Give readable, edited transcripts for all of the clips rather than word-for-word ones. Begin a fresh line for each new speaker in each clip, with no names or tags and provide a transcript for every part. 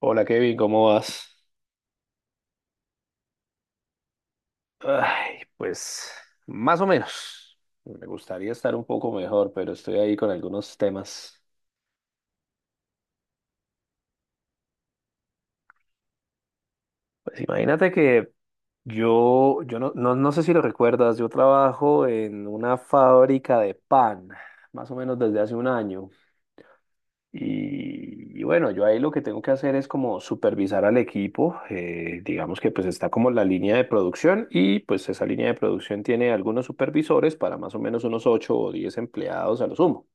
Hola Kevin, ¿cómo vas? Ay, pues más o menos. Me gustaría estar un poco mejor, pero estoy ahí con algunos temas. Pues imagínate que yo no sé si lo recuerdas, yo trabajo en una fábrica de pan, más o menos desde hace un año. Y bueno, yo ahí lo que tengo que hacer es como supervisar al equipo, digamos que pues está como la línea de producción y pues esa línea de producción tiene algunos supervisores para más o menos unos 8 o 10 empleados a lo sumo.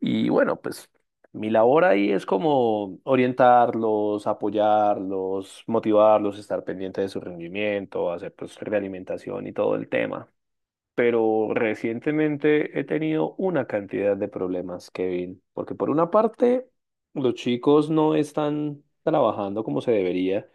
Y bueno, pues mi labor ahí es como orientarlos, apoyarlos, motivarlos, estar pendiente de su rendimiento, hacer pues realimentación y todo el tema, pero recientemente he tenido una cantidad de problemas, Kevin, porque por una parte, los chicos no están trabajando como se debería,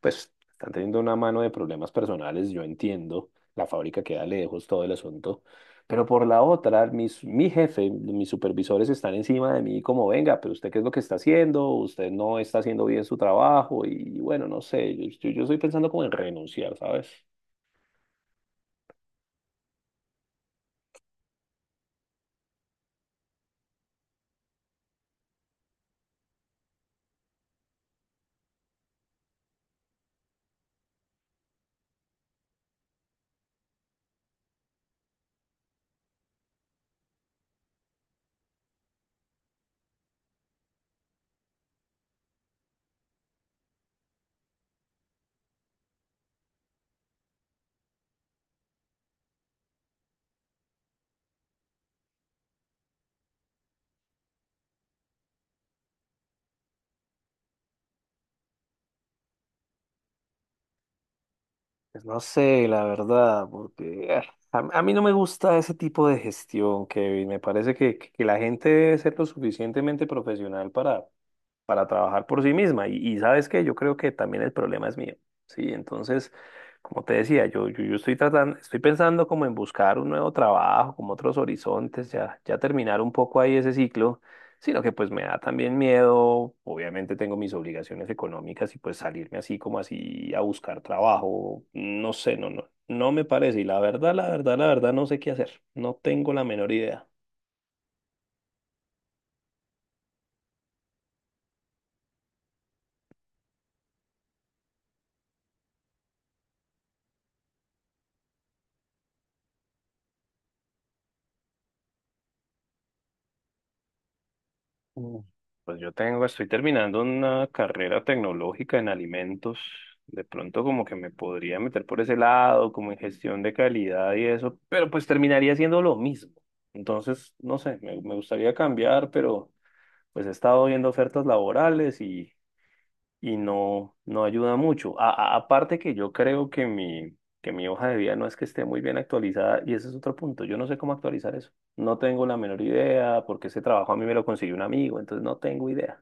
pues están teniendo una mano de problemas personales, yo entiendo, la fábrica queda lejos, todo el asunto, pero por la otra, mi jefe, mis supervisores están encima de mí como, venga, pero usted qué es lo que está haciendo, usted no está haciendo bien su trabajo y bueno, no sé, yo estoy pensando como en renunciar, ¿sabes? Pues no sé, la verdad, porque a mí no me gusta ese tipo de gestión, Kevin. Me parece que la gente debe ser lo suficientemente profesional para trabajar por sí misma. Y sabes qué, yo creo que también el problema es mío. Sí, entonces, como te decía, yo estoy tratando, estoy pensando como en buscar un nuevo trabajo, como otros horizontes, ya terminar un poco ahí ese ciclo, sino que pues me da también miedo, obviamente tengo mis obligaciones económicas y pues salirme así como así a buscar trabajo, no sé, no me parece. Y la verdad, la verdad, la verdad, no sé qué hacer, no tengo la menor idea. Mm, Pues yo tengo, estoy terminando una carrera tecnológica en alimentos. De pronto como que me podría meter por ese lado, como en gestión de calidad y eso, pero pues terminaría siendo lo mismo. Entonces, no sé, me gustaría cambiar, pero pues he estado viendo ofertas laborales y no ayuda mucho. Aparte que yo creo que que mi hoja de vida no es que esté muy bien actualizada y ese es otro punto. Yo no sé cómo actualizar eso. No tengo la menor idea porque ese trabajo a mí me lo consiguió un amigo, entonces no tengo idea.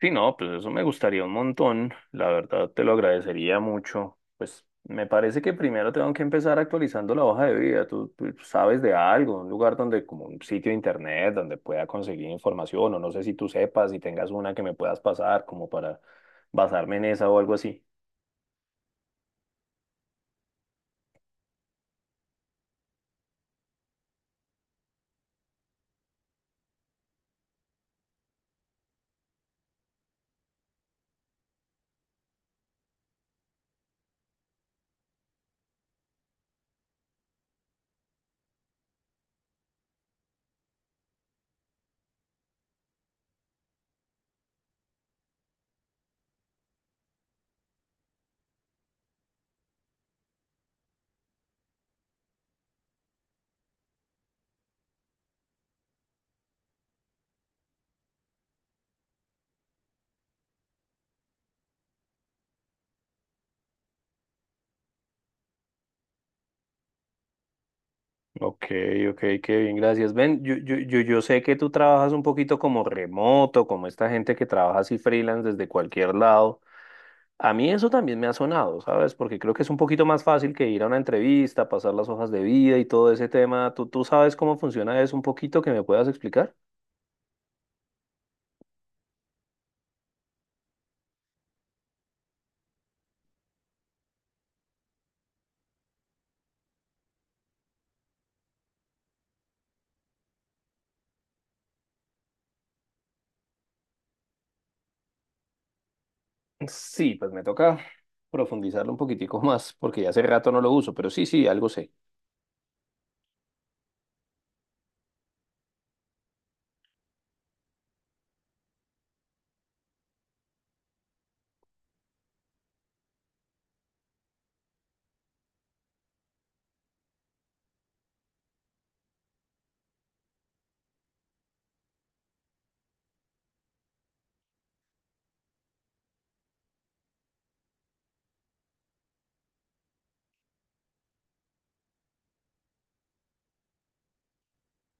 Sí, no, pues eso me gustaría un montón. La verdad, te lo agradecería mucho. Pues me parece que primero tengo que empezar actualizando la hoja de vida. Tú sabes de algo, un lugar donde, como un sitio de internet, donde pueda conseguir información, o no sé si tú sepas, si tengas una que me puedas pasar, como para basarme en esa o algo así. Ok, ok, qué bien, gracias. Ven, yo sé que tú trabajas un poquito como remoto, como esta gente que trabaja así freelance desde cualquier lado. A mí eso también me ha sonado, ¿sabes? Porque creo que es un poquito más fácil que ir a una entrevista, pasar las hojas de vida y todo ese tema. ¿Tú sabes cómo funciona eso un poquito que me puedas explicar? Sí, pues me toca profundizarlo un poquitico más, porque ya hace rato no lo uso, pero sí, sí, algo sé.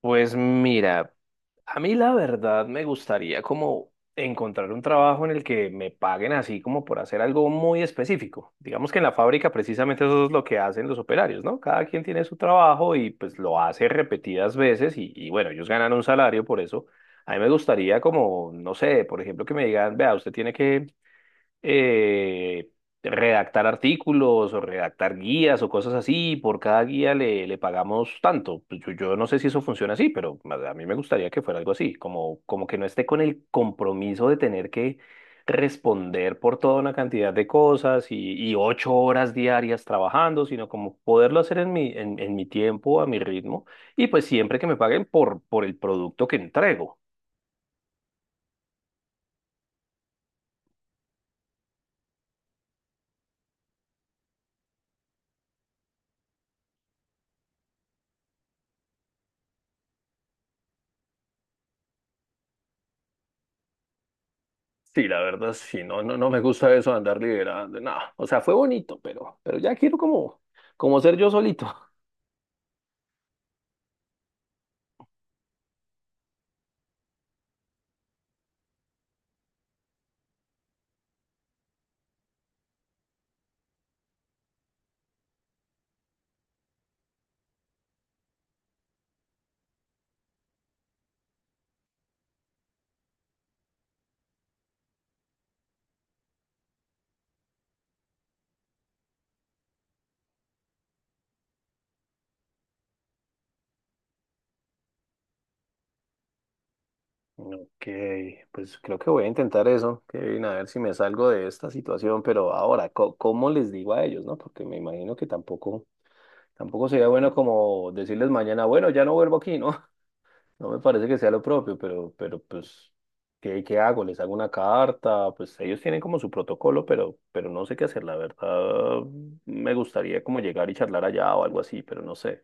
Pues mira, a mí la verdad me gustaría como encontrar un trabajo en el que me paguen así como por hacer algo muy específico. Digamos que en la fábrica precisamente eso es lo que hacen los operarios, ¿no? Cada quien tiene su trabajo y pues lo hace repetidas veces y bueno, ellos ganan un salario por eso. A mí me gustaría como, no sé, por ejemplo, que me digan, vea, usted tiene que eh, redactar artículos o redactar guías o cosas así, y por cada guía le pagamos tanto. Pues yo no sé si eso funciona así, pero a mí me gustaría que fuera algo así, como que no esté con el compromiso de tener que responder por toda una cantidad de cosas y 8 horas diarias trabajando, sino como poderlo hacer en mi tiempo, a mi ritmo, y pues siempre que me paguen por el producto que entrego. Sí, la verdad, sí, no, no me gusta eso de andar liderando. No, o sea, fue bonito, pero ya quiero como ser yo solito. Ok, pues creo que voy a intentar eso, Kevin, a ver si me salgo de esta situación, pero ahora, ¿cómo les digo a ellos, no? Porque me imagino que tampoco sería bueno como decirles mañana, bueno, ya no vuelvo aquí, ¿no? No me parece que sea lo propio, pero pues, ¿qué hago? ¿Les hago una carta? Pues ellos tienen como su protocolo, pero no sé qué hacer. La verdad, me gustaría como llegar y charlar allá o algo así, pero no sé.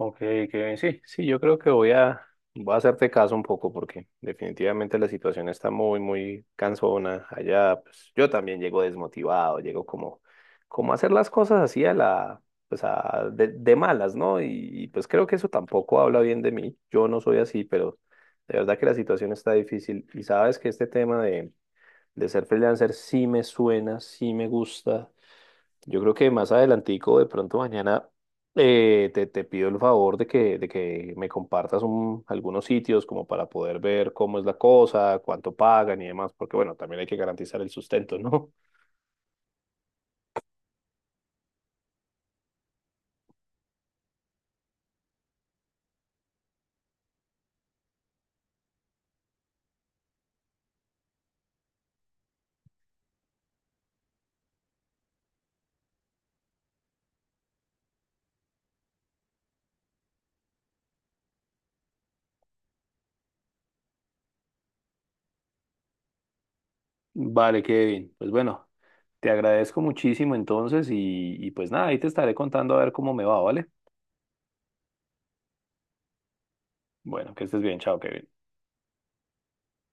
Ok, Kevin, sí, sí, yo creo que voy a hacerte caso un poco porque definitivamente la situación está muy, muy cansona allá. Pues yo también llego desmotivado, llego como, como a hacer las cosas así a la, pues a, de malas, ¿no? Y pues creo que eso tampoco habla bien de mí. Yo no soy así, pero de verdad que la situación está difícil. Y sabes que este tema de ser freelancer sí me suena, sí me gusta. Yo creo que más adelantico, de pronto mañana, te pido el favor de que me compartas algunos sitios como para poder ver cómo es la cosa, cuánto pagan y demás, porque bueno, también hay que garantizar el sustento, ¿no? Vale, Kevin. Pues bueno, te agradezco muchísimo entonces y pues nada, ahí te estaré contando a ver cómo me va, ¿vale? Bueno, que estés bien, chao, Kevin.